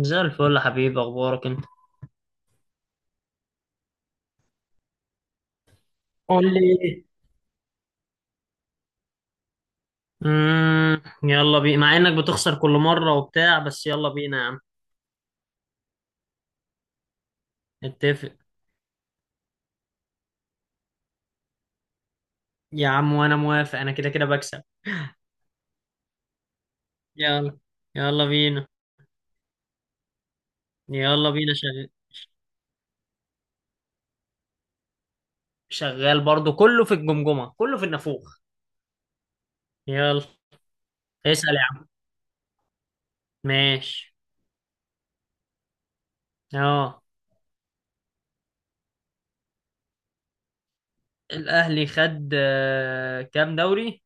زي الفل يا حبيبي، اخبارك انت؟ قول لي ايه. يلا بينا، مع انك بتخسر كل مرة وبتاع، بس يلا بينا يا عم. اتفق. يا عم وانا موافق، انا كده كده بكسب. يلا. يلا بينا. يلا بينا شغال. شغال برضو، كله في الجمجمة كله في النافوخ. يلا. اسأل يا عم. ماشي. اه. الاهلي خد كام دوري؟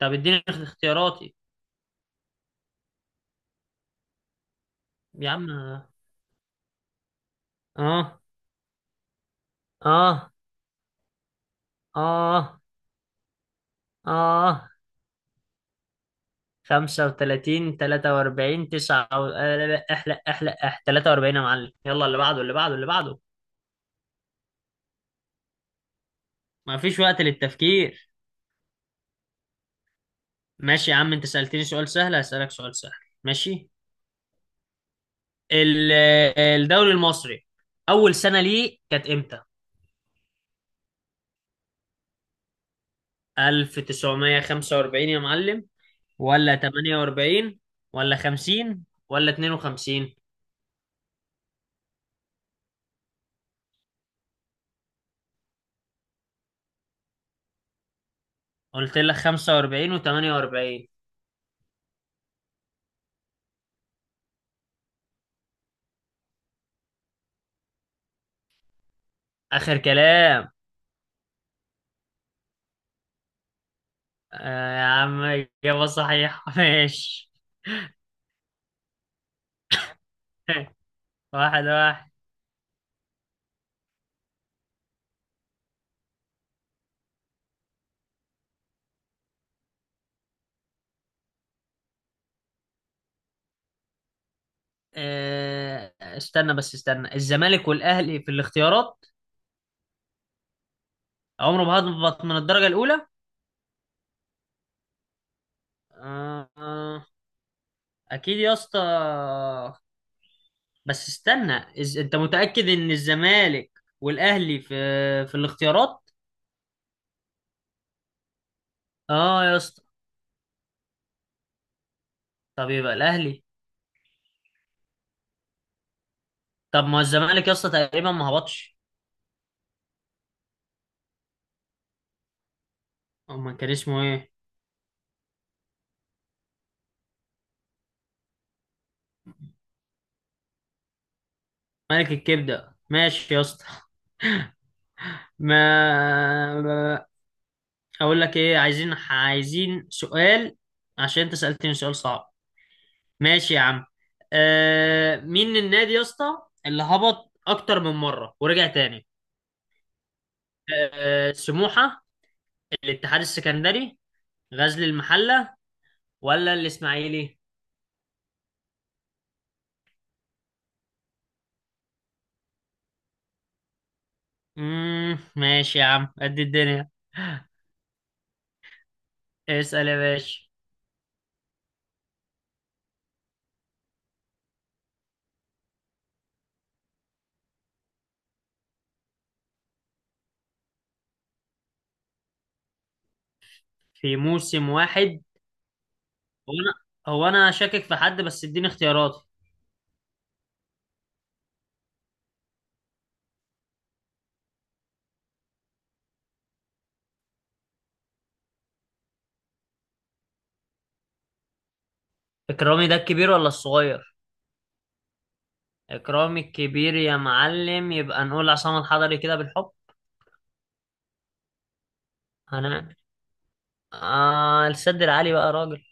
طب اديني اختياراتي. يا عم. اه. اه. اه. اه. خمسة وتلاتين، تلاتة وأربعين، تسعة و... لا، لا، احلق احلق اح، تلاتة وأربعين يا معلم، يلا اللي بعده اللي بعده اللي بعده. مفيش وقت للتفكير. ماشي يا عم، أنت سألتني سؤال سهل، هسألك سؤال سهل. ماشي. ال- الدوري المصري أول سنة ليه كانت إمتى؟ 1945 يا معلم، ولا 48، ولا 50، ولا 52؟ قلت لك 45 و48. آخر كلام. آه يا عم، إجابة صحيحة. ماشي. واحد واحد. آه، استنى بس، استنى، الزمالك والأهلي في الاختيارات؟ عمره ما هبط من الدرجة الأولى. آه، آه، أكيد يا اسطى، بس استنى، أنت متأكد إن الزمالك والأهلي في الاختيارات؟ اه يا اسطى. طب يبقى الأهلي. طب ما الزمالك يا اسطى تقريبا ما هبطش. أما كان اسمه إيه؟ ملك الكبدة ماشي يا اسطى. ما اقول لك ايه، عايزين عايزين سؤال، عشان انت سألتني سؤال صعب. ماشي يا عم. آه، مين النادي يا اسطى اللي هبط اكتر من مرة ورجع تاني؟ آه، سموحة، الاتحاد السكندري، غزل المحلة، ولا الاسماعيلي؟ ماشي يا عم قد الدنيا. اسأل يا باشا. في موسم واحد. هو انا هو انا شاكك في حد، بس اديني اختيارات. اكرامي ده الكبير ولا الصغير؟ إكرامي الكبير يا معلم، يبقى نقول عصام الحضري كده بالحب. هنعمل. آه، السد العالي بقى يا راجل.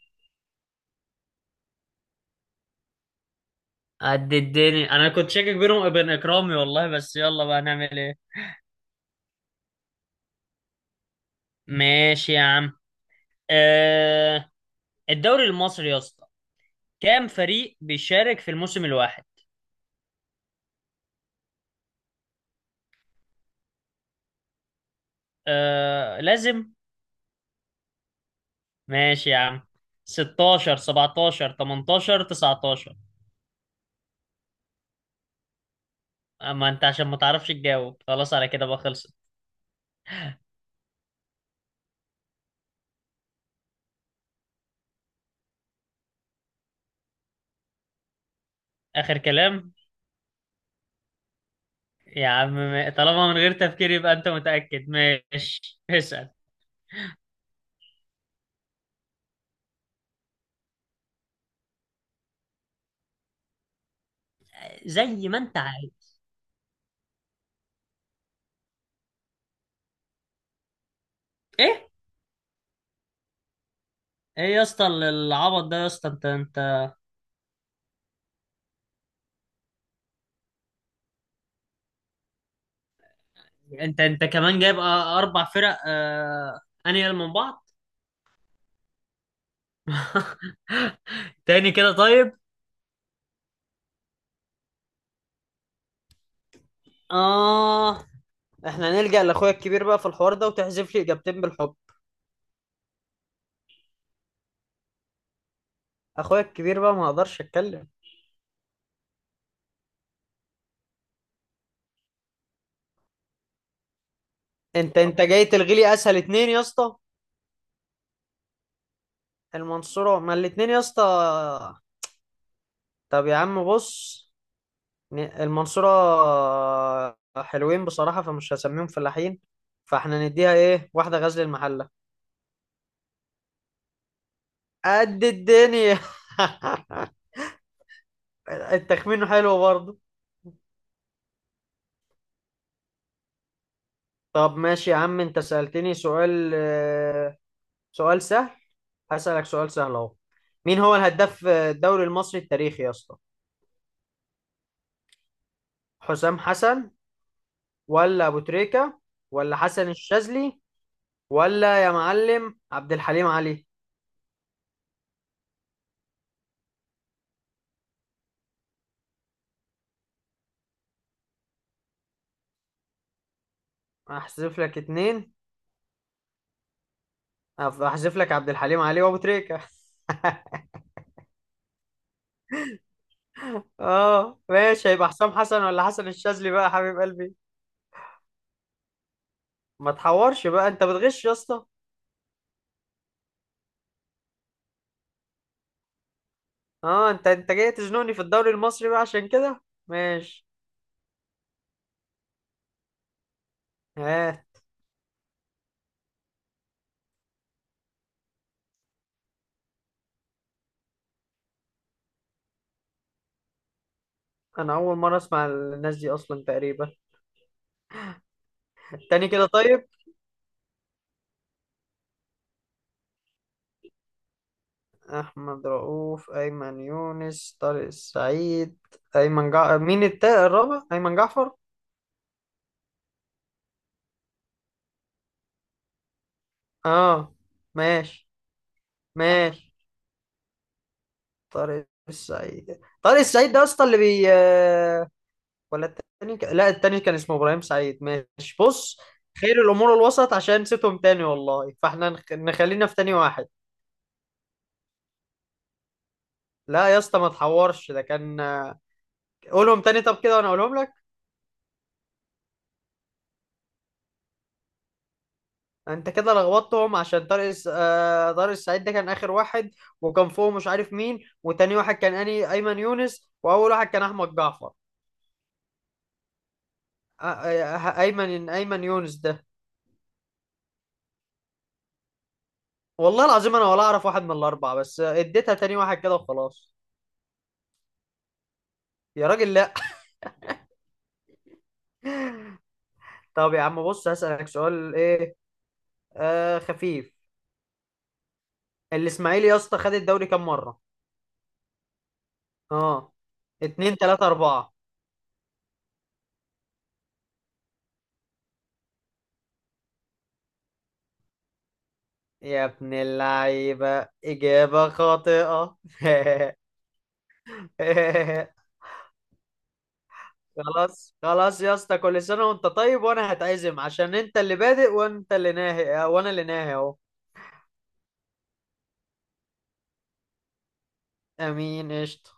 قد الدنيا، أنا كنت شاكك بينهم وبين إكرامي والله، بس يلا بقى نعمل إيه. ماشي يا عم. آه، الدوري المصري يا اسطى، كام فريق بيشارك في الموسم الواحد؟ آه لازم. ماشي يا عم. 16، 17، 18، 19؟ اما انت عشان ما تعرفش تجاوب خلاص، على كده بقى خلصت. اخر كلام. يا عم طالما من غير تفكير، يبقى انت متأكد. ماشي، اسأل. زي ما انت عايز. ايه؟ ايه يا اسطى العبط ده يا اسطى، انت كمان جايب اربع فرق. آه... انيال من بعض. تاني كده طيب. اه، احنا نلجأ لاخويا الكبير بقى في الحوار ده، وتحذف لي اجابتين بالحب. اخويا الكبير بقى ما اقدرش اتكلم. انت جاي تلغي لي اسهل اتنين يا اسطى. المنصورة، ما الاتنين يا اسطى. طب يا عم بص، المنصورة حلوين بصراحة فمش هسميهم فلاحين، فاحنا نديها ايه، واحدة غزل المحلة. قد الدنيا. التخمين حلو برضه. طب ماشي يا عم، انت سألتني سؤال سؤال سهل، هسألك سؤال سهل اهو. مين هو الهداف الدوري المصري التاريخي يا اسطى؟ حسام حسن، ولا ابو تريكة، ولا حسن الشاذلي، ولا يا معلم عبد الحليم علي؟ هحذف لك اتنين. هحذف لك عبد الحليم علي وابو تريكه. اه ماشي، هيبقى حسام حسن ولا حسن الشاذلي بقى يا حبيب قلبي؟ ما تحورش بقى، انت بتغش يا اسطى. اه، انت جاي تزنقني في الدوري المصري بقى عشان كده. ماشي. ها. انا اول مره اسمع الناس دي اصلا تقريبا. التاني كده طيب. احمد رؤوف، ايمن يونس، طارق السعيد. مين الرابع، ايمن جعفر؟ اه. ماشي. ماشي. طارق السعيد، طارق السعيد ده اصلا اللي بي، ولا التاني لا التاني كان اسمه ابراهيم سعيد. ماشي بص، خير الامور الوسط، عشان نسيتهم تاني والله، فاحنا نخلينا في تاني واحد. لا يا اسطى ما تحورش، ده كان قولهم تاني طب كده وانا اقولهم لك. انت كده لخبطتهم، عشان طارق س- آه، طارق السعيد ده كان اخر واحد، وكان فوق مش عارف مين، وتاني واحد كان اني ايمن يونس، واول واحد كان احمد جعفر. آه، آه، ايمن يونس ده. والله العظيم انا ولا اعرف واحد من الاربعه، بس اديتها تاني واحد كده وخلاص. يا راجل لا. طب يا عم بص، هسألك سؤال ايه خفيف. الاسماعيلي يا اسطى خد الدوري كام مرة؟ اه. اتنين، تلاتة، اربعة؟ يا ابن اللعيبة، اجابة خاطئة. خلاص خلاص يا اسطى، كل سنة وانت طيب، وانا هتعزم عشان انت اللي بادئ وانت اللي ناهي، وانا اللي ناهي اهو. امين قشطة.